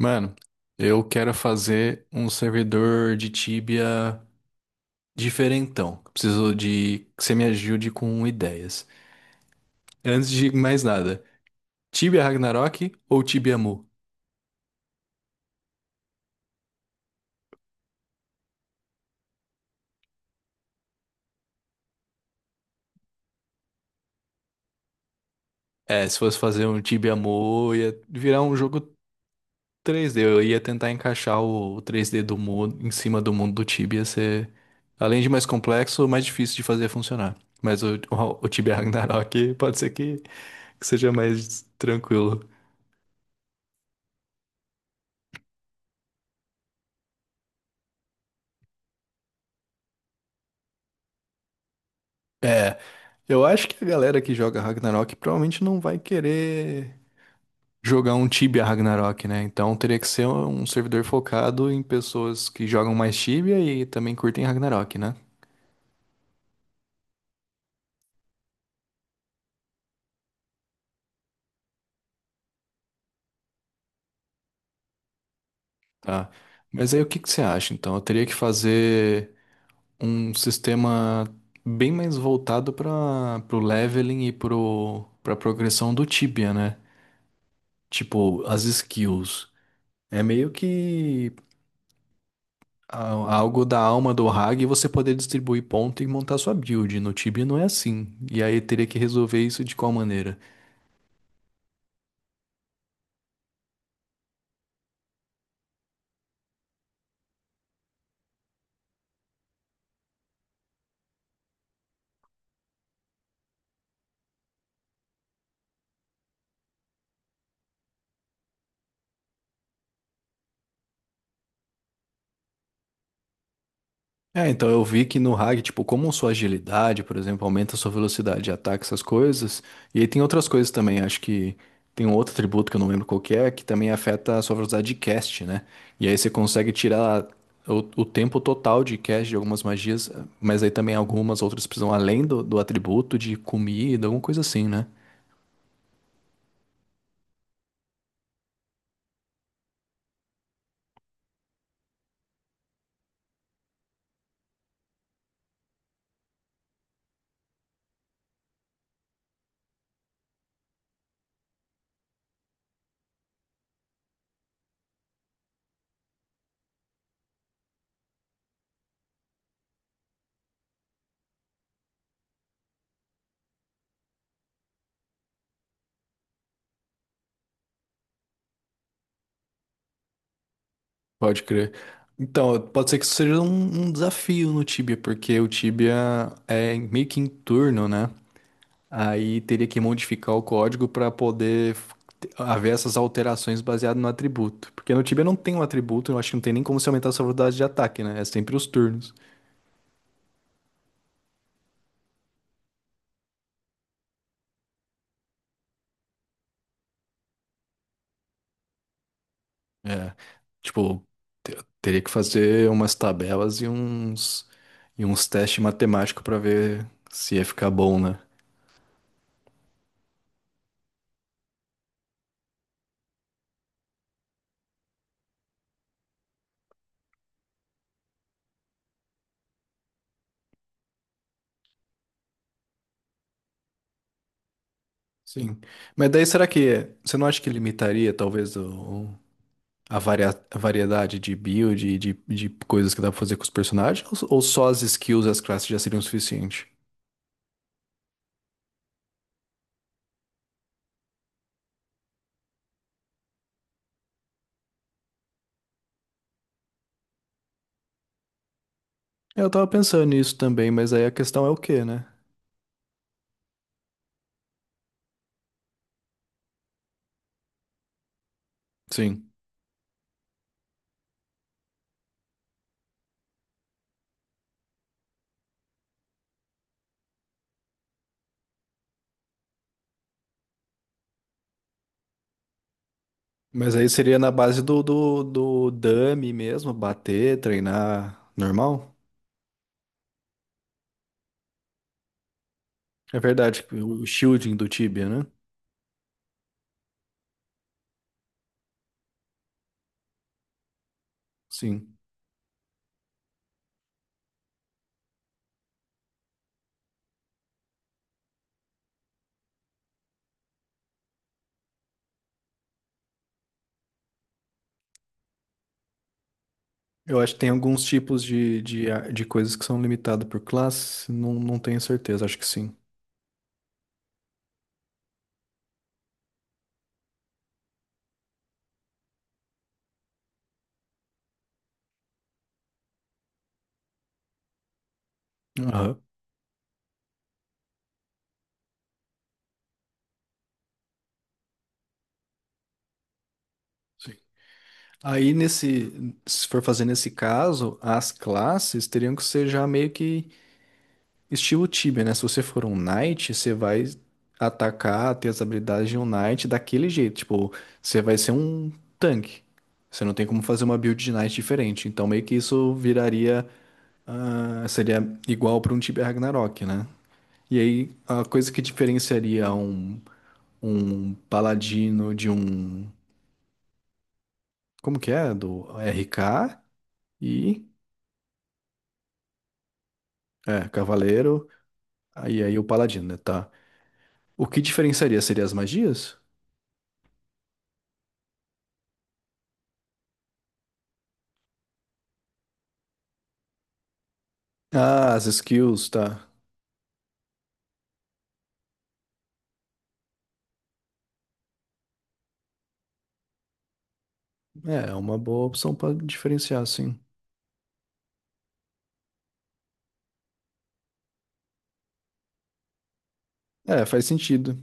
Mano, eu quero fazer um servidor de Tibia diferentão. Preciso de que você me ajude com ideias. Antes de mais nada, Tibia Ragnarok ou Tibia Mu? É, se fosse fazer um Tibia Mu, ia virar um jogo três d. Eu ia tentar encaixar o três d do Mu em cima do mundo do Tibia, ia ser, além de mais complexo, mais difícil de fazer funcionar. Mas o Tibia Ragnarok pode ser que seja mais tranquilo. É, eu acho que a galera que joga Ragnarok provavelmente não vai querer jogar um Tibia Ragnarok, né? Então teria que ser um servidor focado em pessoas que jogam mais Tibia e também curtem Ragnarok, né? Tá. Mas aí o que que você acha? Então eu teria que fazer um sistema bem mais voltado para pro leveling e pro para progressão do Tibia, né? Tipo, as skills. É meio que algo da alma do Hag e você poder distribuir ponto e montar sua build. No Tibia não é assim. E aí teria que resolver isso de qual maneira? É, então eu vi que no Hag, tipo, como sua agilidade, por exemplo, aumenta sua velocidade de ataque, essas coisas. E aí tem outras coisas também, acho que tem um outro atributo que eu não lembro qual que é, que também afeta a sua velocidade de cast, né? E aí você consegue tirar o tempo total de cast de algumas magias, mas aí também algumas outras precisam, além do atributo de comida, alguma coisa assim, né? Pode crer. Então, pode ser que isso seja um desafio no Tibia, porque o Tibia é meio que em turno, né? Aí teria que modificar o código para poder haver essas alterações baseadas no atributo. Porque no Tibia não tem um atributo, eu acho que não tem nem como se aumentar a sua velocidade de ataque, né? É sempre os turnos. É, tipo, teria que fazer umas tabelas e e uns testes matemáticos para ver se ia ficar bom, né? Sim. Mas daí será que você não acha que limitaria talvez a variedade de build e de coisas que dá pra fazer com os personagens? Ou só as skills e as classes já seriam o suficiente? Eu tava pensando nisso também, mas aí a questão é o quê, né? Sim. Mas aí seria na base do dummy mesmo, bater, treinar normal? É verdade, o shielding do Tibia, né? Sim. Eu acho que tem alguns tipos de coisas que são limitadas por classe, não, não tenho certeza, acho que sim. Aham, sim. Aí nesse, se for fazer nesse caso, as classes teriam que ser já meio que estilo Tibia, né? Se você for um knight, você vai atacar, ter as habilidades de um knight daquele jeito, tipo, você vai ser um tanque. Você não tem como fazer uma build de knight diferente, então meio que isso viraria, ah, seria igual para um Tibia Ragnarok, né? E aí a coisa que diferenciaria um paladino de um como que é? Do RK. E é, cavaleiro, aí o paladino, né, tá? O que diferenciaria seria as magias? Ah, as skills, tá. É, é uma boa opção pra diferenciar, sim. É, faz sentido.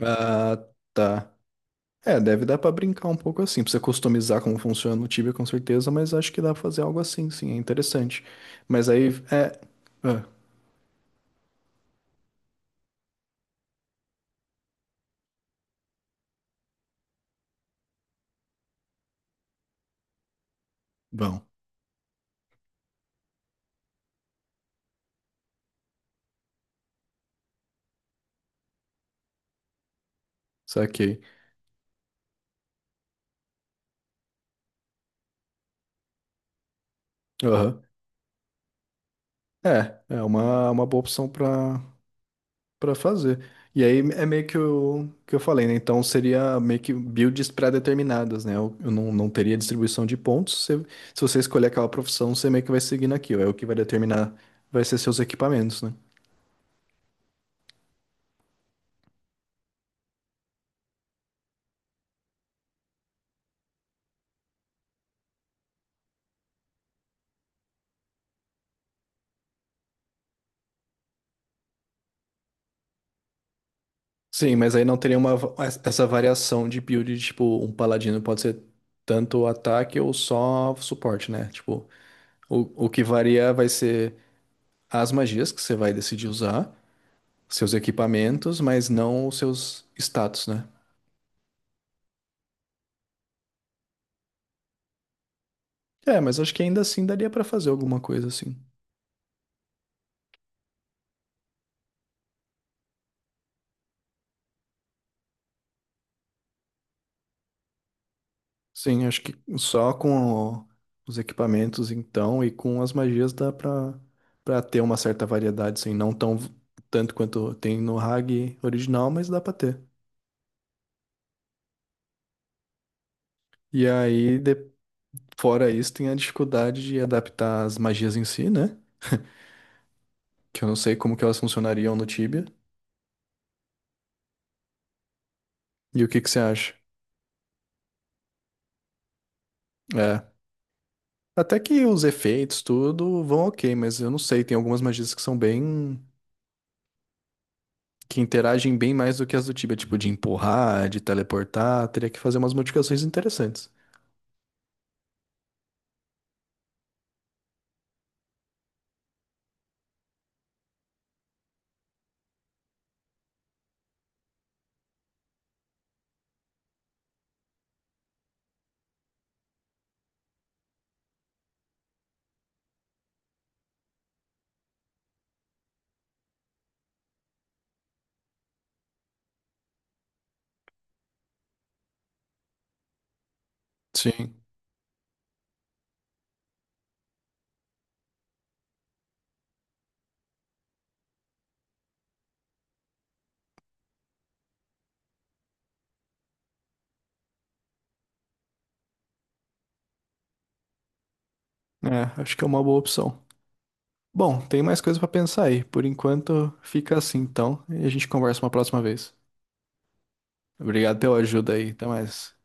Ah, tá. É, deve dar pra brincar um pouco assim, precisa customizar como funciona o Tibia com certeza, mas acho que dá pra fazer algo assim, sim, é interessante. Mas aí é, ah, bom, saquei. Aham. É, é uma boa opção pra pra fazer. E aí é meio que o que eu falei, né? Então seria meio que builds pré-determinadas, né? Eu não, não teria distribuição de pontos. Se você escolher aquela profissão, você meio que vai seguindo aquilo. É o que vai determinar, vai ser seus equipamentos, né? Sim, mas aí não teria essa variação de build, tipo, um paladino pode ser tanto ataque ou só suporte, né? Tipo, o que varia vai ser as magias que você vai decidir usar, seus equipamentos, mas não os seus status, né? É, mas acho que ainda assim daria pra fazer alguma coisa assim. Sim, acho que só com o- os equipamentos então e com as magias dá pra para ter uma certa variedade, assim, não tão tanto quanto tem no Hag original, mas dá pra ter. E aí, fora isso, tem a dificuldade de adaptar as magias em si, né? Que eu não sei como que elas funcionariam no Tibia. E o que que você acha? É. Até que os efeitos, tudo, vão ok, mas eu não sei, tem algumas magias que são bem. Que interagem bem mais do que as do Tibia, tipo de empurrar, de teleportar, teria que fazer umas modificações interessantes. Sim, é, acho que é uma boa opção. Bom, tem mais coisa pra pensar aí. Por enquanto, fica assim então, e a gente conversa uma próxima vez. Obrigado pela ajuda aí, até mais.